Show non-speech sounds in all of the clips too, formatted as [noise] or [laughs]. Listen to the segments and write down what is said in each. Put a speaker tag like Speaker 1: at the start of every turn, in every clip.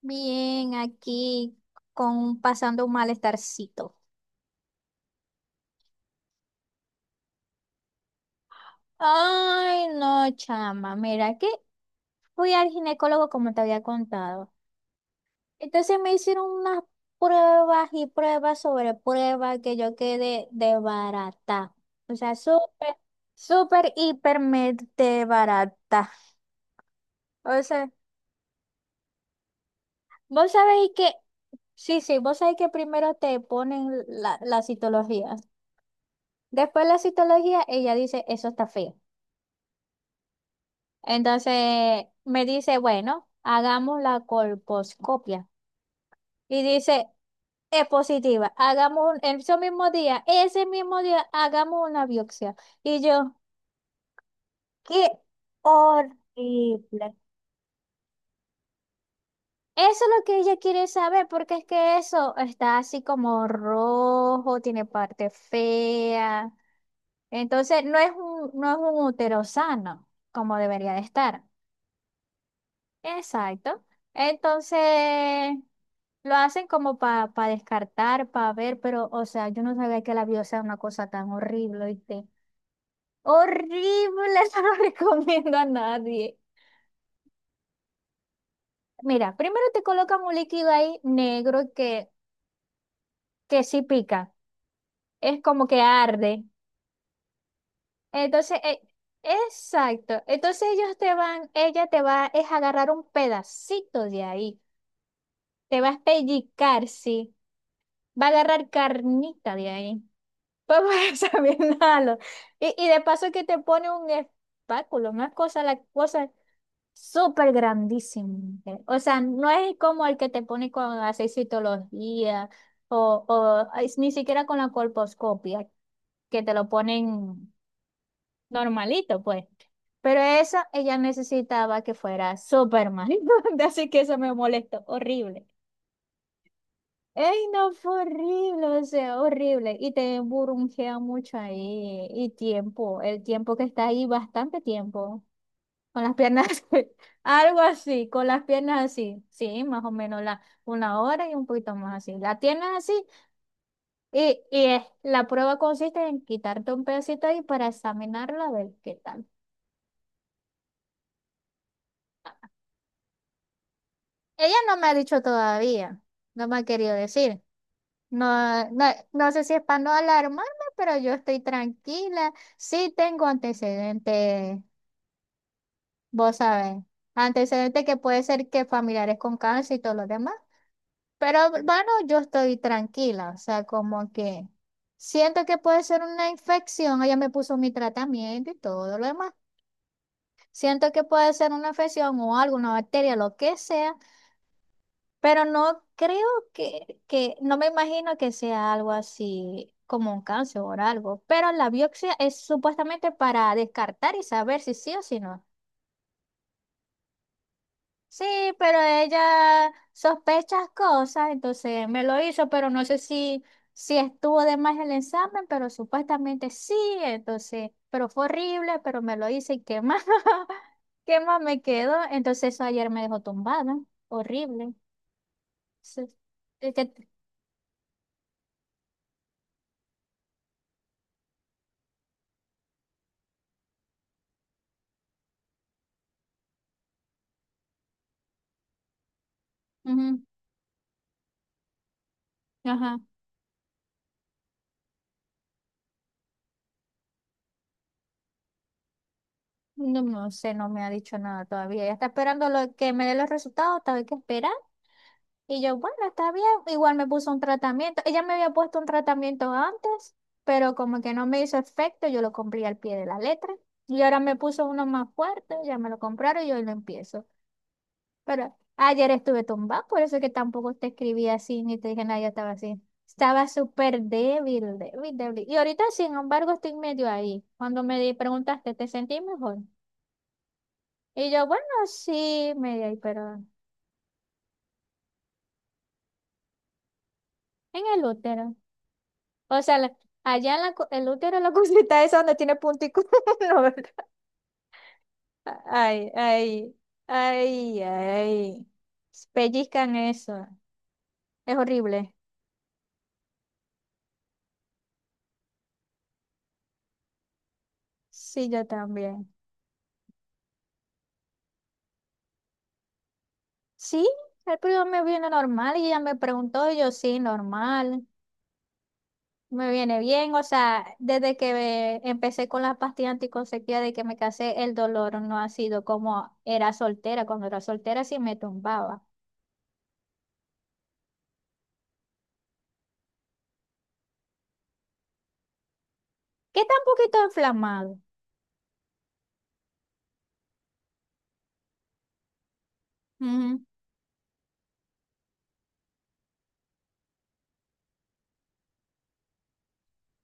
Speaker 1: Bien, aquí con pasando un malestarcito. Ay, no, chama, mira que fui al ginecólogo como te había contado. Entonces me hicieron unas pruebas y pruebas sobre pruebas que yo quedé de barata. O sea, súper, súper, hiper, de barata. O sea, vos sabéis que, sí, sí, vos sabéis que primero te ponen la citología. Después la citología, ella dice, eso está feo. Entonces me dice, bueno, hagamos la colposcopia. Y dice, es positiva. Ese mismo día, hagamos una biopsia. Y yo, qué horrible. Eso es lo que ella quiere saber, porque es que eso está así como rojo, tiene parte fea. Entonces no es un útero sano, como debería de estar. Exacto. Entonces, lo hacen como para descartar, para ver, pero, o sea, yo no sabía que la vida sea una cosa tan horrible, ¿oíste? Horrible, [laughs] eso no lo recomiendo a nadie. Mira, primero te colocan un líquido ahí negro que sí pica, es como que arde. Entonces, exacto. Ella te va es a agarrar un pedacito de ahí, te va a pellizcar, sí, va a agarrar carnita de ahí. Vamos a Bienalo. [laughs] Y de paso que te pone un espáculo, una cosa, la cosa súper grandísima. O sea, no es como el que te pone con la citología o es ni siquiera con la colposcopia, que te lo ponen normalito, pues. Pero esa ella necesitaba que fuera súper mal. [laughs] Así que eso me molestó, horrible. Ey, no, fue horrible, o sea, horrible. Y te burungea mucho ahí. Y tiempo, el tiempo que está ahí, bastante tiempo. Con las piernas, [laughs] algo así, con las piernas así. Sí, más o menos una hora y un poquito más así. La tienes así y, la prueba consiste en quitarte un pedacito ahí para examinarla a ver qué tal. Ella no me ha dicho todavía, no me ha querido decir. No, no, no sé si es para no alarmarme, pero yo estoy tranquila. Sí tengo antecedentes, vos sabés, antecedentes que puede ser que familiares con cáncer y todo lo demás. Pero bueno, yo estoy tranquila, o sea, como que siento que puede ser una infección. Ella me puso mi tratamiento y todo lo demás. Siento que puede ser una infección o alguna bacteria, lo que sea. Pero no creo no me imagino que sea algo así como un cáncer o algo. Pero la biopsia es supuestamente para descartar y saber si sí o si no. Sí, pero ella sospecha cosas, entonces me lo hizo, pero no sé si, si estuvo de más el examen, pero supuestamente sí, entonces, pero fue horrible, pero me lo hice y qué más, [laughs] qué más me quedó. Entonces eso ayer me dejó tumbada, horrible. Sí. Es que ujú, ajá. No, no sé, no me ha dicho nada todavía. Ella está esperando lo, que me dé los resultados, todavía hay que esperar. Y yo, bueno, está bien. Igual me puso un tratamiento. Ella me había puesto un tratamiento antes, pero como que no me hizo efecto, yo lo compré al pie de la letra. Y ahora me puso uno más fuerte, ya me lo compraron y hoy lo empiezo. Pero ayer estuve tumbada, por eso es que tampoco te escribí así, ni te dije nada, yo estaba así. Estaba súper débil, débil, débil. Y ahorita, sin embargo, estoy medio ahí. Cuando preguntaste, ¿te sentí mejor? Y yo, bueno, sí, me di ahí, pero en el útero. O sea, allá en el útero, la [laughs] cosita esa donde tiene puntico. [laughs] No, ¿verdad? Ay, ay, ay, ay. Pellizcan eso. Es horrible. Sí, yo también. Sí, el primo me viene normal y ella me preguntó, y yo, sí, normal. Me viene bien, o sea, desde que empecé con las pastillas anticonceptivas, de que me casé, el dolor no ha sido como era soltera. Cuando era soltera sí me tumbaba. Que está un poquito inflamado. Ujú.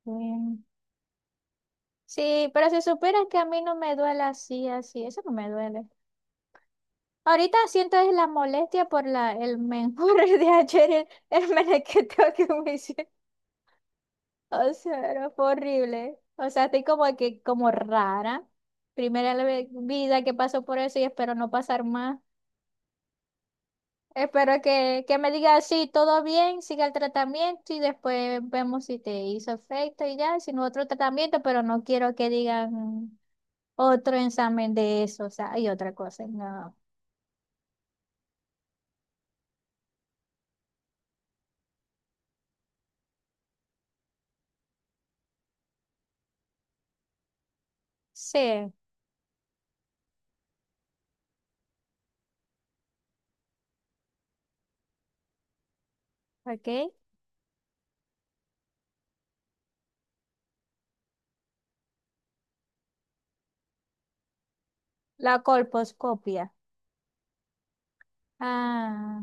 Speaker 1: Mm. Sí, pero si supieras que a mí no me duele así, así, eso no me duele. Ahorita siento es la molestia por el menjurre [laughs] de ayer, el menequeteo que me hice. O sea, era horrible. O sea, estoy como que, como rara. Primera vida que paso por eso y espero no pasar más. Espero que me diga sí, todo bien, siga el tratamiento y después vemos si te hizo efecto y ya, sino otro tratamiento, pero no quiero que digan otro examen de eso, o sea, hay otra cosa, no. Sí, ok. La colposcopia. Ah,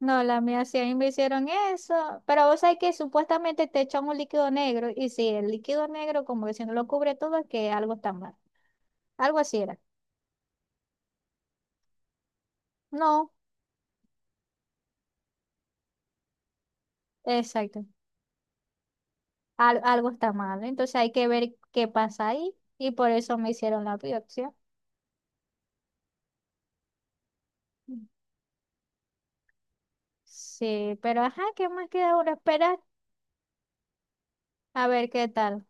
Speaker 1: no, la mía sí, a mí me hicieron eso, pero vos sabés que supuestamente te echan un líquido negro y si el líquido negro como que si no lo cubre todo es que algo está mal, algo así era. No, exacto. Algo está mal, ¿no? Entonces hay que ver qué pasa ahí y por eso me hicieron la biopsia. Sí, pero ajá, ¿qué más queda ahora esperar? A ver qué tal.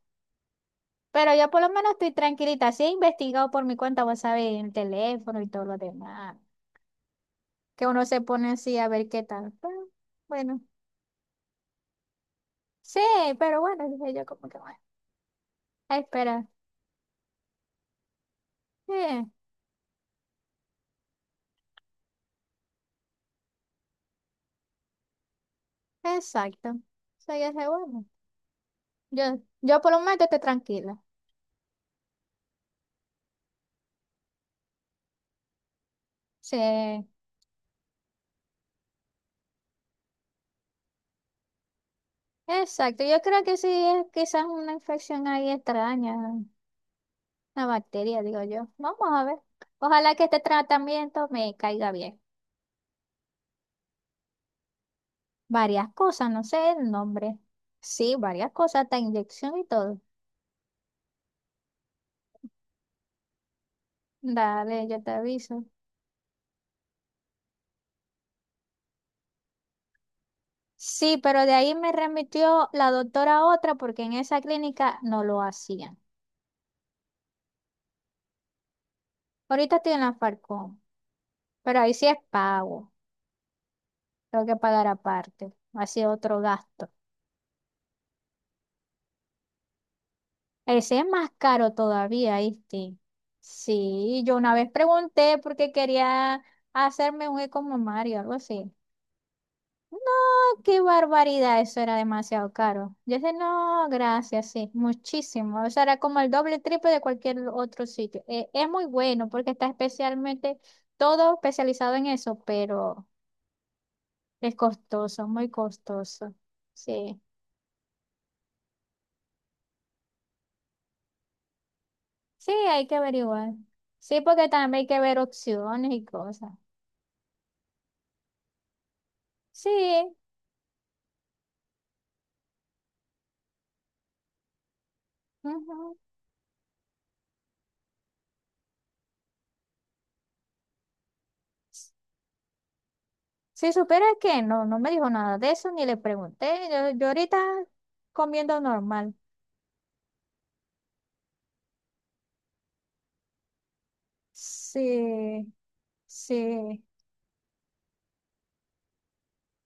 Speaker 1: Pero yo por lo menos estoy tranquilita. Sí, he investigado por mi cuenta, vos sabés, en el teléfono y todo lo demás. Que uno se pone así a ver qué tal. Pero, bueno, sí, pero bueno, dije yo como que bueno, a esperar. Sí, exacto. Soy ese bueno. Yo por lo menos estoy tranquila. Sí. Exacto, yo creo que sí es quizás una infección ahí extraña, una bacteria, digo yo. Vamos a ver. Ojalá que este tratamiento me caiga bien. Varias cosas, no sé el nombre. Sí, varias cosas, hasta inyección y todo. Dale, yo te aviso. Sí, pero de ahí me remitió la doctora a otra porque en esa clínica no lo hacían. Ahorita estoy en la Falcón, pero ahí sí es pago. Tengo que pagar aparte. Así otro gasto. Ese es más caro todavía, ¿viste? Sí, yo una vez pregunté porque quería hacerme un eco mamario, algo así. No, qué barbaridad, eso era demasiado caro. Yo dije, no, gracias, sí, muchísimo. O sea, era como el doble, triple de cualquier otro sitio. Es muy bueno porque está especialmente todo especializado en eso, pero es costoso, muy costoso. Sí, sí, hay que averiguar. Sí, porque también hay que ver opciones y cosas. Sí. Ujú. Si supiera que no, no me dijo nada de eso, ni le pregunté. Yo ahorita comiendo normal. Sí, sí,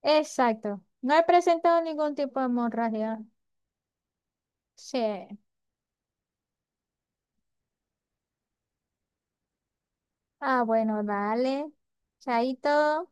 Speaker 1: exacto. No he presentado ningún tipo de hemorragia. Sí. Ah, bueno, dale. Chaito.